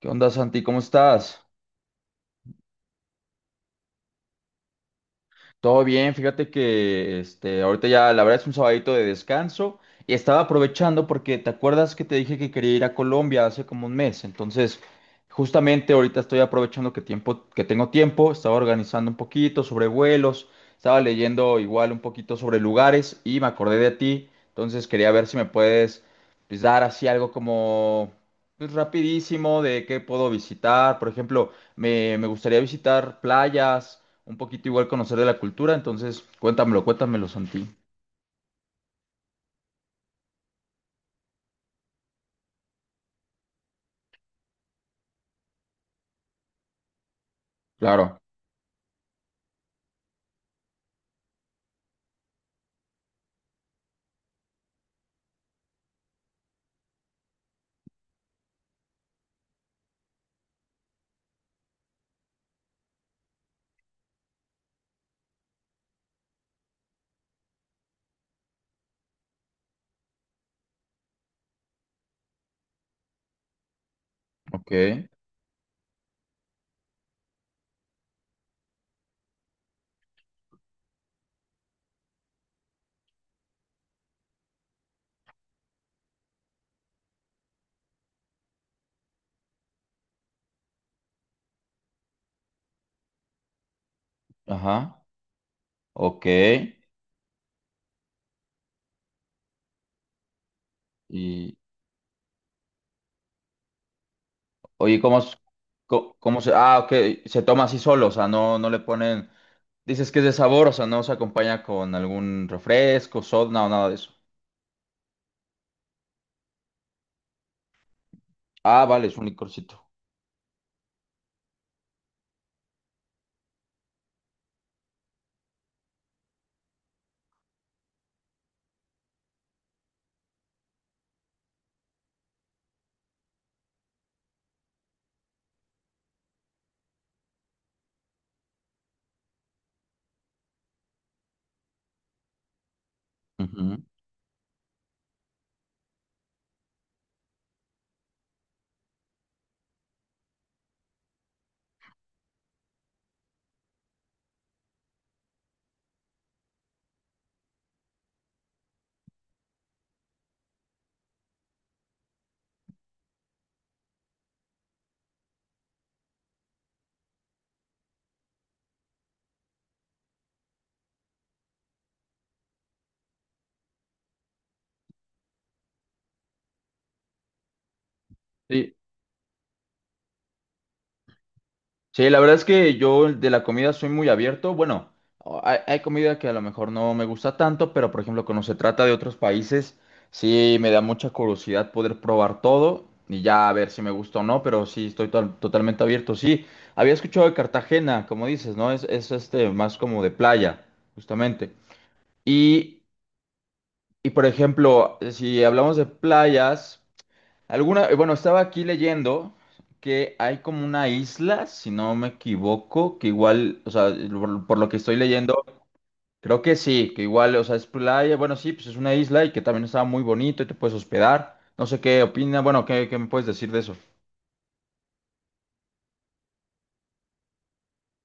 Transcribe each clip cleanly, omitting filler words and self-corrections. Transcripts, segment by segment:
¿Qué onda, Santi? ¿Cómo estás? Todo bien, fíjate que este, ahorita ya la verdad es un sabadito de descanso y estaba aprovechando porque te acuerdas que te dije que quería ir a Colombia hace como un mes, entonces justamente ahorita estoy aprovechando que tengo tiempo, estaba organizando un poquito sobre vuelos, estaba leyendo igual un poquito sobre lugares y me acordé de ti, entonces quería ver si me puedes pues, dar así algo como pues, rapidísimo de qué puedo visitar, por ejemplo, me gustaría visitar playas. Un poquito igual conocer de la cultura, entonces cuéntamelo, cuéntamelo, Santi. Claro. Ok. Ajá. Ok. Y, oye, ¿ cómo se... Ah, ok. Se toma así solo, o sea, no le ponen... Dices que es de sabor, o sea, no se acompaña con algún refresco, soda, no, nada de eso. Ah, vale, es un licorcito. Ujú. Sí. Sí, la verdad es que yo de la comida soy muy abierto. Bueno, hay comida que a lo mejor no me gusta tanto, pero por ejemplo, cuando se trata de otros países, sí me da mucha curiosidad poder probar todo y ya a ver si me gusta o no, pero sí estoy totalmente abierto. Sí, había escuchado de Cartagena, como dices, ¿no? Es este más como de playa, justamente. Y, y por ejemplo, si hablamos de playas. Alguna, bueno, estaba aquí leyendo que hay como una isla, si no me equivoco, que igual, o sea, por lo que estoy leyendo, creo que sí, que igual, o sea, es playa, bueno, sí, pues es una isla y que también estaba muy bonito y te puedes hospedar. No sé qué opina, bueno, ¿ qué me puedes decir de eso?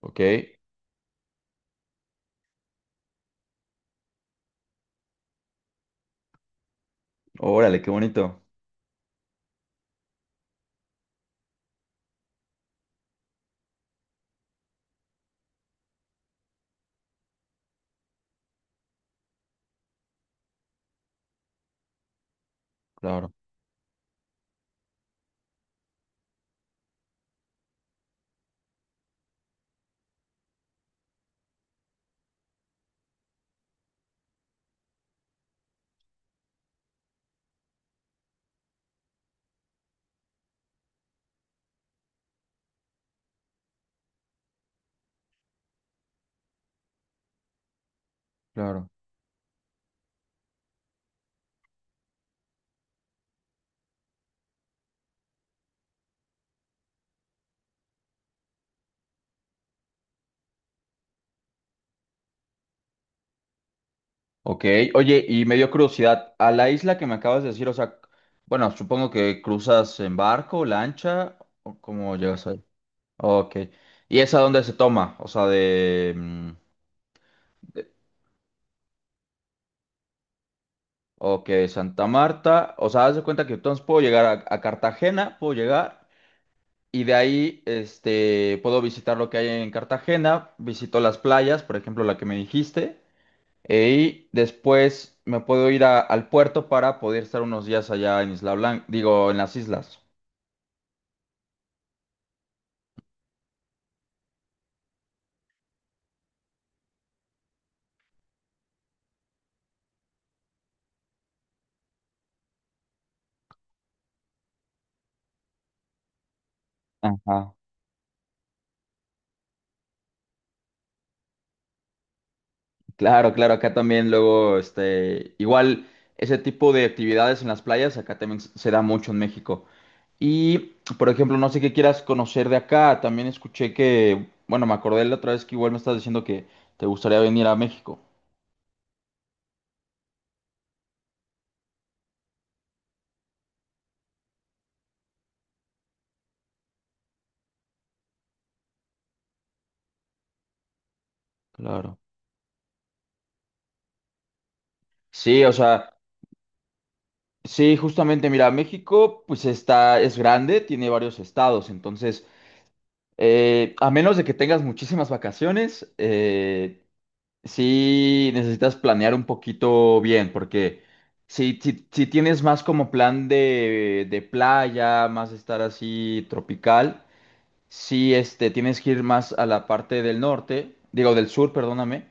Ok, órale, qué bonito. Claro, claro. Ok, oye, y me dio curiosidad, a la isla que me acabas de decir, o sea, bueno, supongo que cruzas en barco, lancha, o cómo llegas ahí. Ok. ¿Y esa dónde se toma? De- Ok, Santa Marta. O sea, haz de cuenta que entonces puedo llegar a Cartagena, puedo llegar y de ahí este, puedo visitar lo que hay en Cartagena, visito las playas, por ejemplo, la que me dijiste, e- y después me puedo ir al puerto para poder estar unos días allá en Isla Blanca, digo, en las islas. Ajá. Claro, claro, acá también luego, este, igual ese tipo de actividades en las playas, acá también se da mucho en México. Y, por ejemplo, no sé qué quieras conocer de acá. También escuché que, bueno, me acordé la otra vez que igual me estás diciendo que te gustaría venir a México. Claro. Sí, o sea, sí, justamente, mira, México, pues está, es grande, tiene varios estados, entonces, a menos de que tengas muchísimas vacaciones, sí necesitas planear un poquito bien, porque si tienes más como plan de playa, más estar así tropical. Si este, tienes que ir más a la parte del norte, digo del sur, perdóname,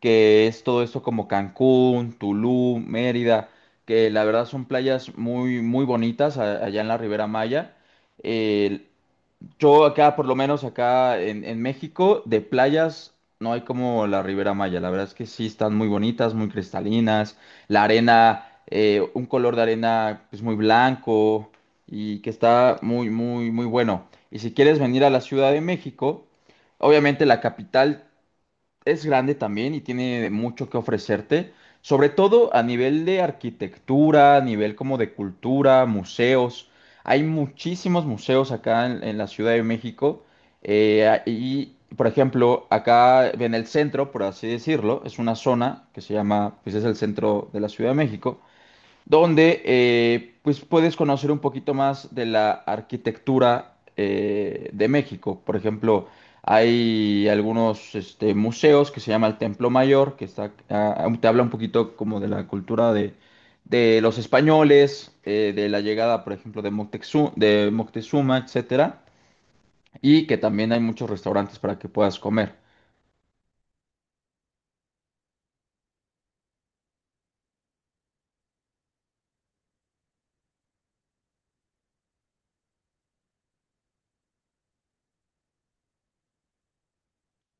que es todo esto como Cancún, Tulum, Mérida, que la verdad son playas muy, muy bonitas allá en la Ribera Maya. Eh, yo acá, por lo menos acá en México, de playas no hay como la Ribera Maya. La verdad es que sí están muy bonitas, muy cristalinas. La arena, un color de arena pues muy blanco y que está muy, muy, muy bueno. Y si quieres venir a la Ciudad de México, obviamente la capital es grande también y tiene mucho que ofrecerte, sobre todo a nivel de arquitectura, a nivel como de cultura, museos. Hay muchísimos museos acá en la Ciudad de México y, por ejemplo, acá en el centro, por así decirlo, es una zona que se llama, pues es el centro de la Ciudad de México donde pues puedes conocer un poquito más de la arquitectura de México. Por ejemplo, hay algunos este, museos que se llama el Templo Mayor, que está, te habla un poquito como de la cultura de los españoles, de la llegada, por ejemplo, de Moctezuma, etcétera, y que también hay muchos restaurantes para que puedas comer.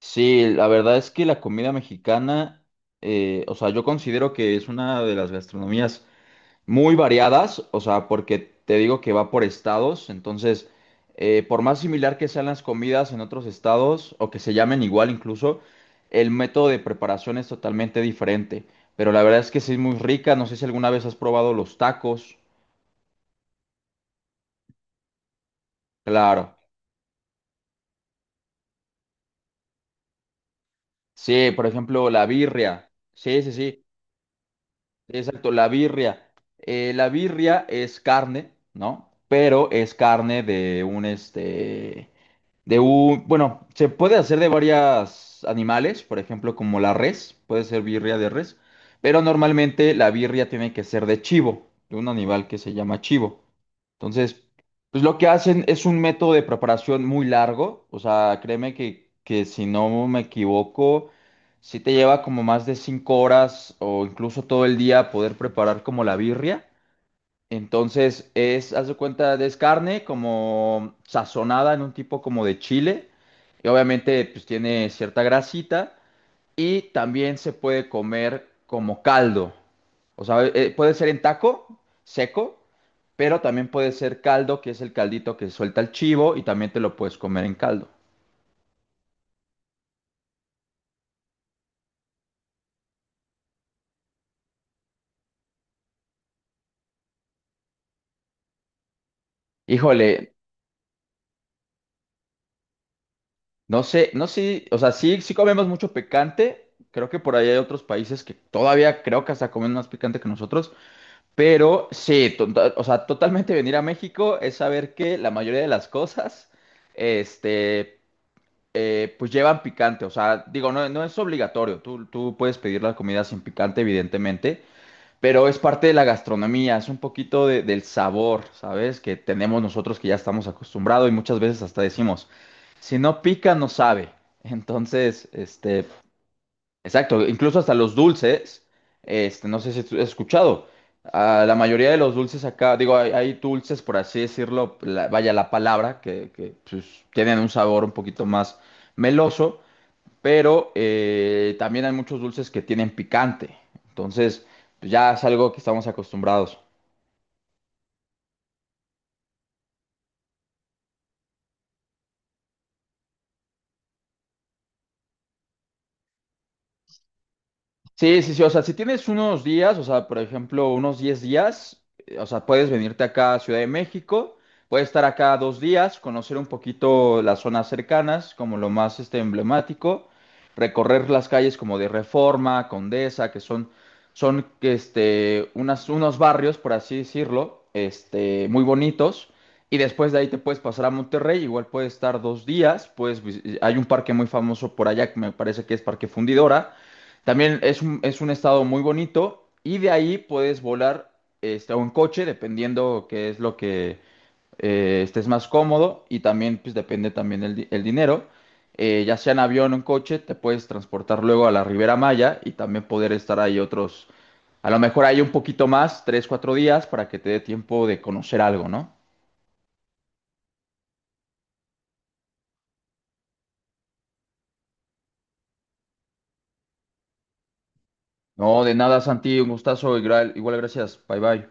Sí, la verdad es que la comida mexicana, o sea, yo considero que es una de las gastronomías muy variadas, o sea, porque te digo que va por estados, entonces, por más similar que sean las comidas en otros estados o que se llamen igual incluso, el método de preparación es totalmente diferente. Pero la verdad es que sí es muy rica, no sé si alguna vez has probado los tacos. Claro, sí, por ejemplo, la birria. Sí, sí, sí, exacto, la birria. La birria es carne, ¿no? Pero es carne de un este. De un, bueno, se puede hacer de varios animales, por ejemplo, como la res, puede ser birria de res, pero normalmente la birria tiene que ser de chivo, de un animal que se llama chivo. Entonces, pues lo que hacen es un método de preparación muy largo, o sea, créeme que si no me equivoco, si te lleva como más de 5 horas o incluso todo el día poder preparar como la birria. Entonces es, haz de cuenta, es carne como sazonada en un tipo como de chile. Y obviamente pues tiene cierta grasita y también se puede comer como caldo. O sea, puede ser en taco, seco, pero también puede ser caldo, que es el caldito que suelta el chivo y también te lo puedes comer en caldo. Híjole, no sé, no sé, o sea, sí, sí comemos mucho picante. Creo que por ahí hay otros países que todavía creo que hasta comen más picante que nosotros. Pero sí, o sea, totalmente venir a México es saber que la mayoría de las cosas, este, pues llevan picante. O sea, digo, no es obligatorio. Tú puedes pedir la comida sin picante, evidentemente, pero es parte de la gastronomía, es un poquito del sabor, ¿sabes? Que tenemos nosotros que ya estamos acostumbrados y muchas veces hasta decimos, si no pica, no sabe. Entonces, este, exacto, incluso hasta los dulces, este, no sé si tú has escuchado, ah, la mayoría de los dulces acá, digo, hay dulces, por así decirlo, vaya la palabra, pues, tienen un sabor un poquito más meloso, pero también hay muchos dulces que tienen picante, entonces pues, ya es algo que estamos acostumbrados. Sí, sí, sí, o sea, si tienes unos días, o sea, por ejemplo, unos 10 días, o sea, puedes venirte acá a Ciudad de México, puedes estar acá 2 días, conocer un poquito las zonas cercanas, como lo más este, emblemático, recorrer las calles como de Reforma, Condesa, que son, son este, unas, unos barrios, por así decirlo, este, muy bonitos, y después de ahí te puedes pasar a Monterrey, igual puedes estar 2 días, pues hay un parque muy famoso por allá que me parece que es Parque Fundidora también es un estado muy bonito y de ahí puedes volar este, o en coche, dependiendo qué es lo que estés más cómodo y también pues depende también el, el dinero. Ya sea en avión o en coche, te puedes transportar luego a la Ribera Maya y también poder estar ahí otros, a lo mejor ahí un poquito más, 3, 4 días para que te dé tiempo de conocer algo, ¿no? No, de nada, Santi, un gustazo, igual, igual gracias, bye bye.